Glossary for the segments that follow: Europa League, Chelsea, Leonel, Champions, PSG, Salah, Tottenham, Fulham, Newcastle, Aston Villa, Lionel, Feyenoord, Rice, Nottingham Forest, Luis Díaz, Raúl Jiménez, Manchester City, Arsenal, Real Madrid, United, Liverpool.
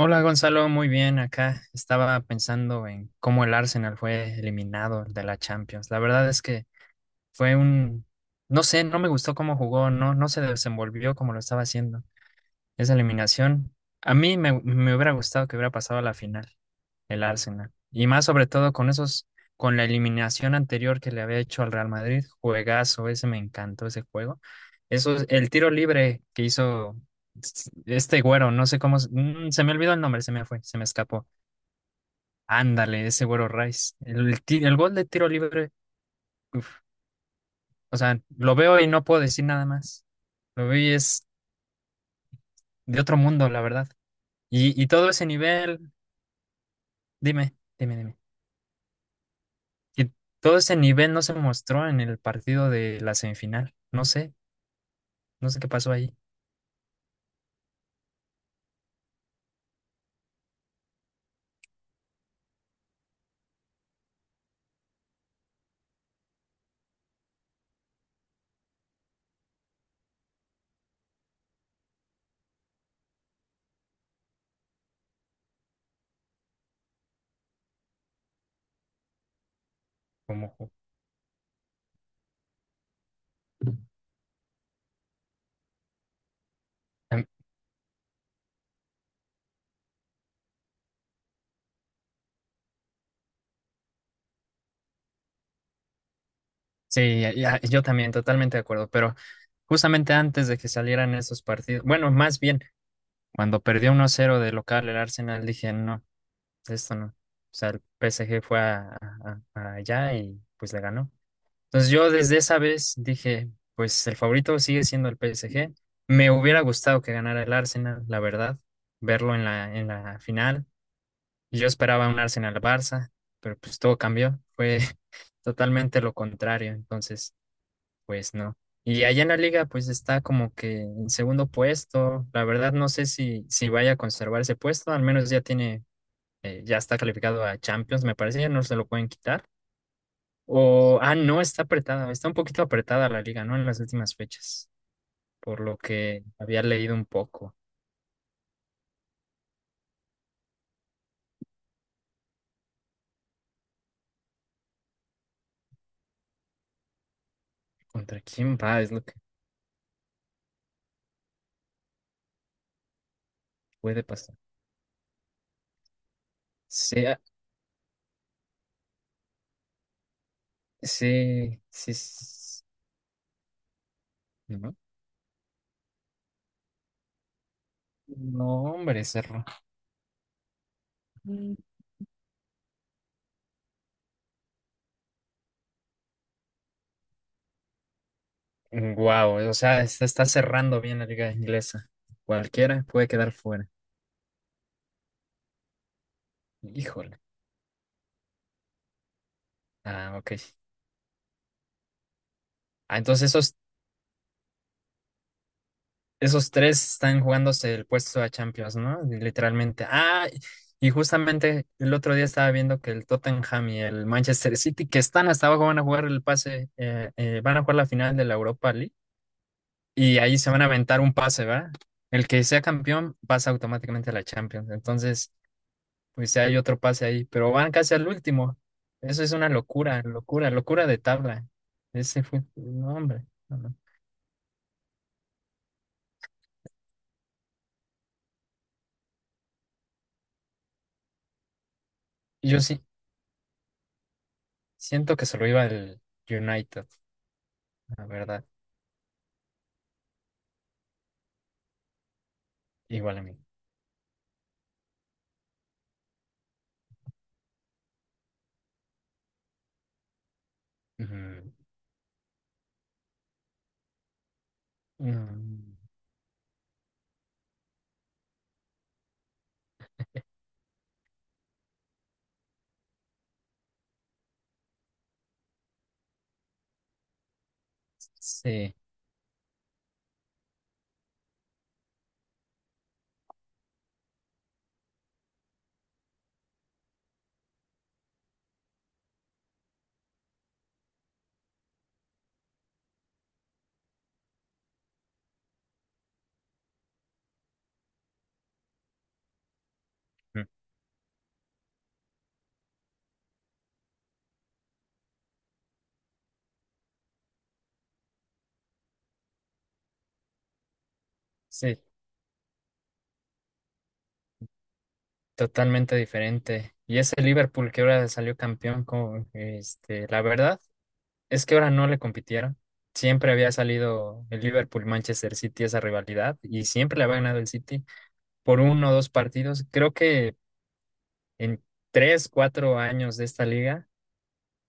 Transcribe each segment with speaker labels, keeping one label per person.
Speaker 1: Hola Gonzalo, muy bien acá. Estaba pensando en cómo el Arsenal fue eliminado de la Champions. La verdad es que fue un, no sé, no me gustó cómo jugó, no, no se desenvolvió como lo estaba haciendo. Esa eliminación, a mí me hubiera gustado que hubiera pasado a la final el Arsenal. Y más sobre todo con esos, con la eliminación anterior que le había hecho al Real Madrid, juegazo, ese me encantó ese juego. Eso, el tiro libre que hizo este güero, no sé cómo, se me olvidó el nombre, se me fue, se me escapó. Ándale, ese güero Rice. El gol de tiro libre, uf, o sea, lo veo y no puedo decir nada más. Lo veo y es de otro mundo, la verdad. Y todo ese nivel. Dime, dime, dime. Que todo ese nivel no se mostró en el partido de la semifinal. No sé qué pasó ahí. Como, Am- sí, ya, yo también, totalmente de acuerdo. Pero justamente antes de que salieran esos partidos, bueno, más bien, cuando perdió 1 cero de local el Arsenal, dije, no, esto no. O sea, el PSG fue allá y pues le ganó. Entonces yo desde esa vez dije, pues el favorito sigue siendo el PSG. Me hubiera gustado que ganara el Arsenal, la verdad, verlo en la final. Yo esperaba un Arsenal-Barça, pero pues todo cambió. Fue totalmente lo contrario, entonces pues no. Y allá en la liga pues está como que en segundo puesto. La verdad no sé si vaya a conservar ese puesto, al menos ya tiene, ya está calificado a Champions, me parece, ya no se lo pueden quitar. Ah, no, está apretada, está un poquito apretada la liga, ¿no? En las últimas fechas, por lo que había leído un poco. ¿Contra quién va? Es lo que puede pasar. Sea, sí, sí, no, no, hombre, cerró. Wow, o sea, se está cerrando bien la liga inglesa. Cualquiera puede quedar fuera. Híjole. Ah, ok. Ah, entonces esos tres están jugándose el puesto a Champions, ¿no? Literalmente. Ah, y justamente el otro día estaba viendo que el Tottenham y el Manchester City, que están hasta abajo, van a jugar el pase, van a jugar la final de la Europa League y ahí se van a aventar un pase, ¿va? El que sea campeón pasa automáticamente a la Champions. Entonces, pues ya hay otro pase ahí, pero van casi al último. Eso es una locura, locura, locura de tabla. Ese fue, no, hombre. No, no. Yo sí, siento que se lo iba el United. La verdad, igual a mí. Ujú. Mm, sí, mm, sí, totalmente diferente. Y ese Liverpool que ahora salió campeón, como, la verdad es que ahora no le compitieron. Siempre había salido el Liverpool-Manchester City esa rivalidad y siempre le había ganado el City por uno o dos partidos. Creo que en 3, 4 años de esta liga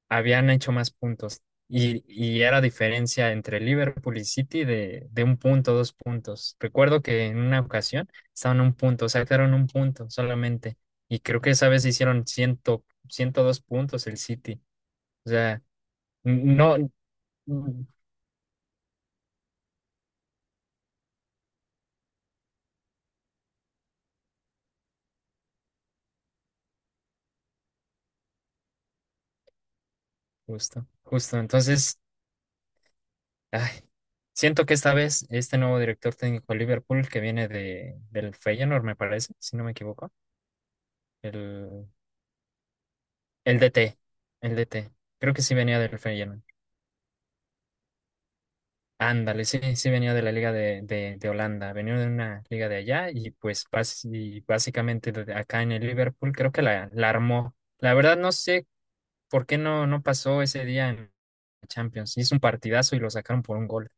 Speaker 1: habían hecho más puntos, y era diferencia entre Liverpool y City de un punto, 2 puntos. Recuerdo que en una ocasión estaban a un punto, sacaron un punto solamente, y creo que esa vez hicieron 100, 102 puntos el City. O sea, no, justo, justo. Entonces, ay, siento que esta vez este nuevo director técnico de Liverpool que viene del Feyenoord, me parece, si no me equivoco, el, el DT, el DT. Creo que sí venía del Feyenoord. Ándale, sí, sí venía de la liga de Holanda, venía de una liga de allá, y pues y básicamente de acá en el Liverpool creo que la armó. La verdad no sé por qué no pasó ese día en Champions. Hizo un partidazo y lo sacaron por un gol,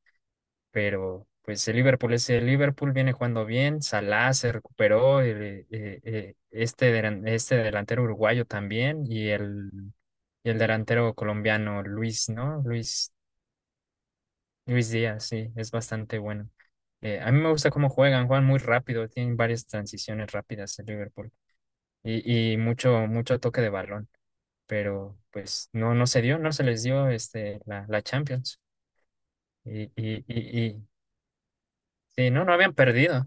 Speaker 1: pero pues el Liverpool es el Liverpool, viene jugando bien, Salah se recuperó, este delantero uruguayo también, y el delantero colombiano Luis, ¿no? Luis. Luis Díaz, sí, es bastante bueno. A mí me gusta cómo juegan, juegan muy rápido, tienen varias transiciones rápidas el Liverpool, y mucho, mucho toque de balón, pero pues no se dio, no se les dio la Champions. Y, y, y, y- sí, no, no habían perdido,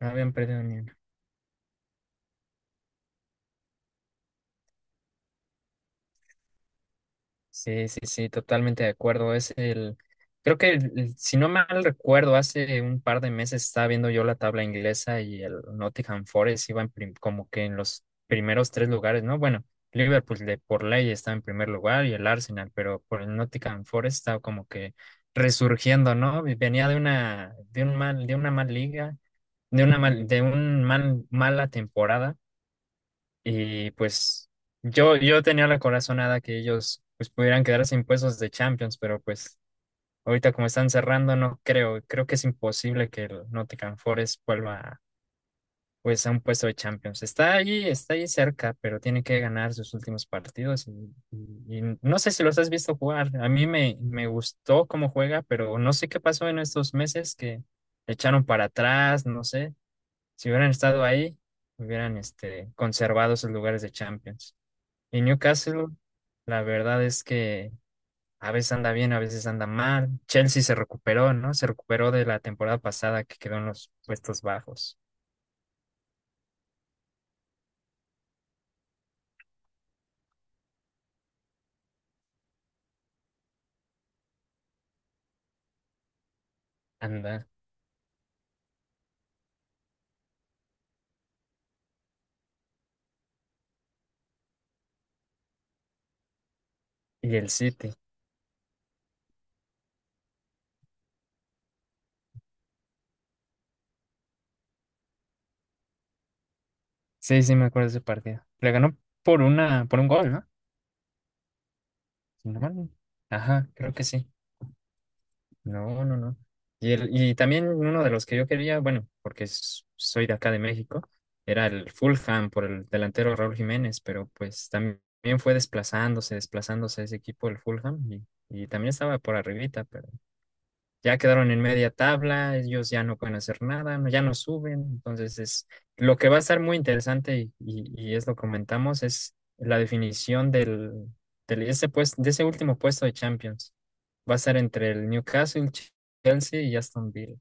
Speaker 1: no habían perdido ni. Sí, sí, sí, totalmente de acuerdo. Es el, creo que si no mal recuerdo, hace un par de meses estaba viendo yo la tabla inglesa, y el Nottingham Forest iba en como que en los primeros tres lugares, ¿no? Bueno, Liverpool de por ley estaba en primer lugar y el Arsenal, pero por el Nottingham Forest estaba como que resurgiendo, ¿no? Y venía de una, de un mal, de una mal liga, de una mal, de un mal, mala temporada, y pues yo tenía la corazonada que ellos pues pudieran quedarse sin puestos de Champions, pero pues ahorita como están cerrando, no creo, creo que es imposible que el Nottingham Forest vuelva pues a un puesto de Champions. Está allí cerca, pero tiene que ganar sus últimos partidos, y no sé si los has visto jugar. A mí me gustó cómo juega, pero no sé qué pasó en estos meses que le echaron para atrás, no sé, si hubieran estado ahí, hubieran conservado sus lugares de Champions. Y Newcastle, la verdad es que a veces anda bien, a veces anda mal. Chelsea se recuperó, ¿no? Se recuperó de la temporada pasada que quedó en los puestos bajos. Anda. Y el City. Sí, sí, me acuerdo de ese partido. Le ganó por una, por un gol, ¿no? Si no mal- Ajá, creo que sí. No, no, no. Y, y también uno de los que yo quería, bueno, porque soy de acá de México, era el Fulham por el delantero Raúl Jiménez, pero pues también fue desplazándose, desplazándose ese equipo, el Fulham, y también estaba por arribita, pero ya quedaron en media tabla, ellos ya no pueden hacer nada, ya no suben. Entonces, es lo que va a estar muy interesante, y es lo que comentamos, es la definición ese pues, de ese último puesto de Champions. Va a ser entre el Newcastle, Chelsea y Aston Villa.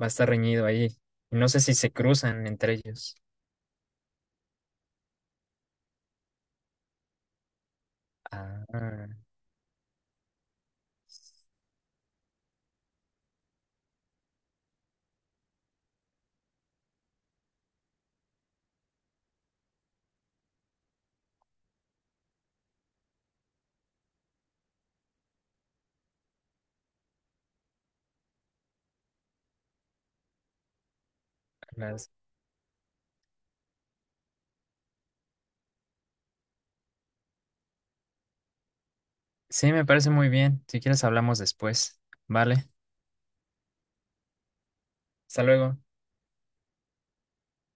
Speaker 1: Va a estar reñido ahí. Y no sé si se cruzan entre ellos. Ah, las- sí, me parece muy bien. Si quieres, hablamos después. Vale, hasta luego.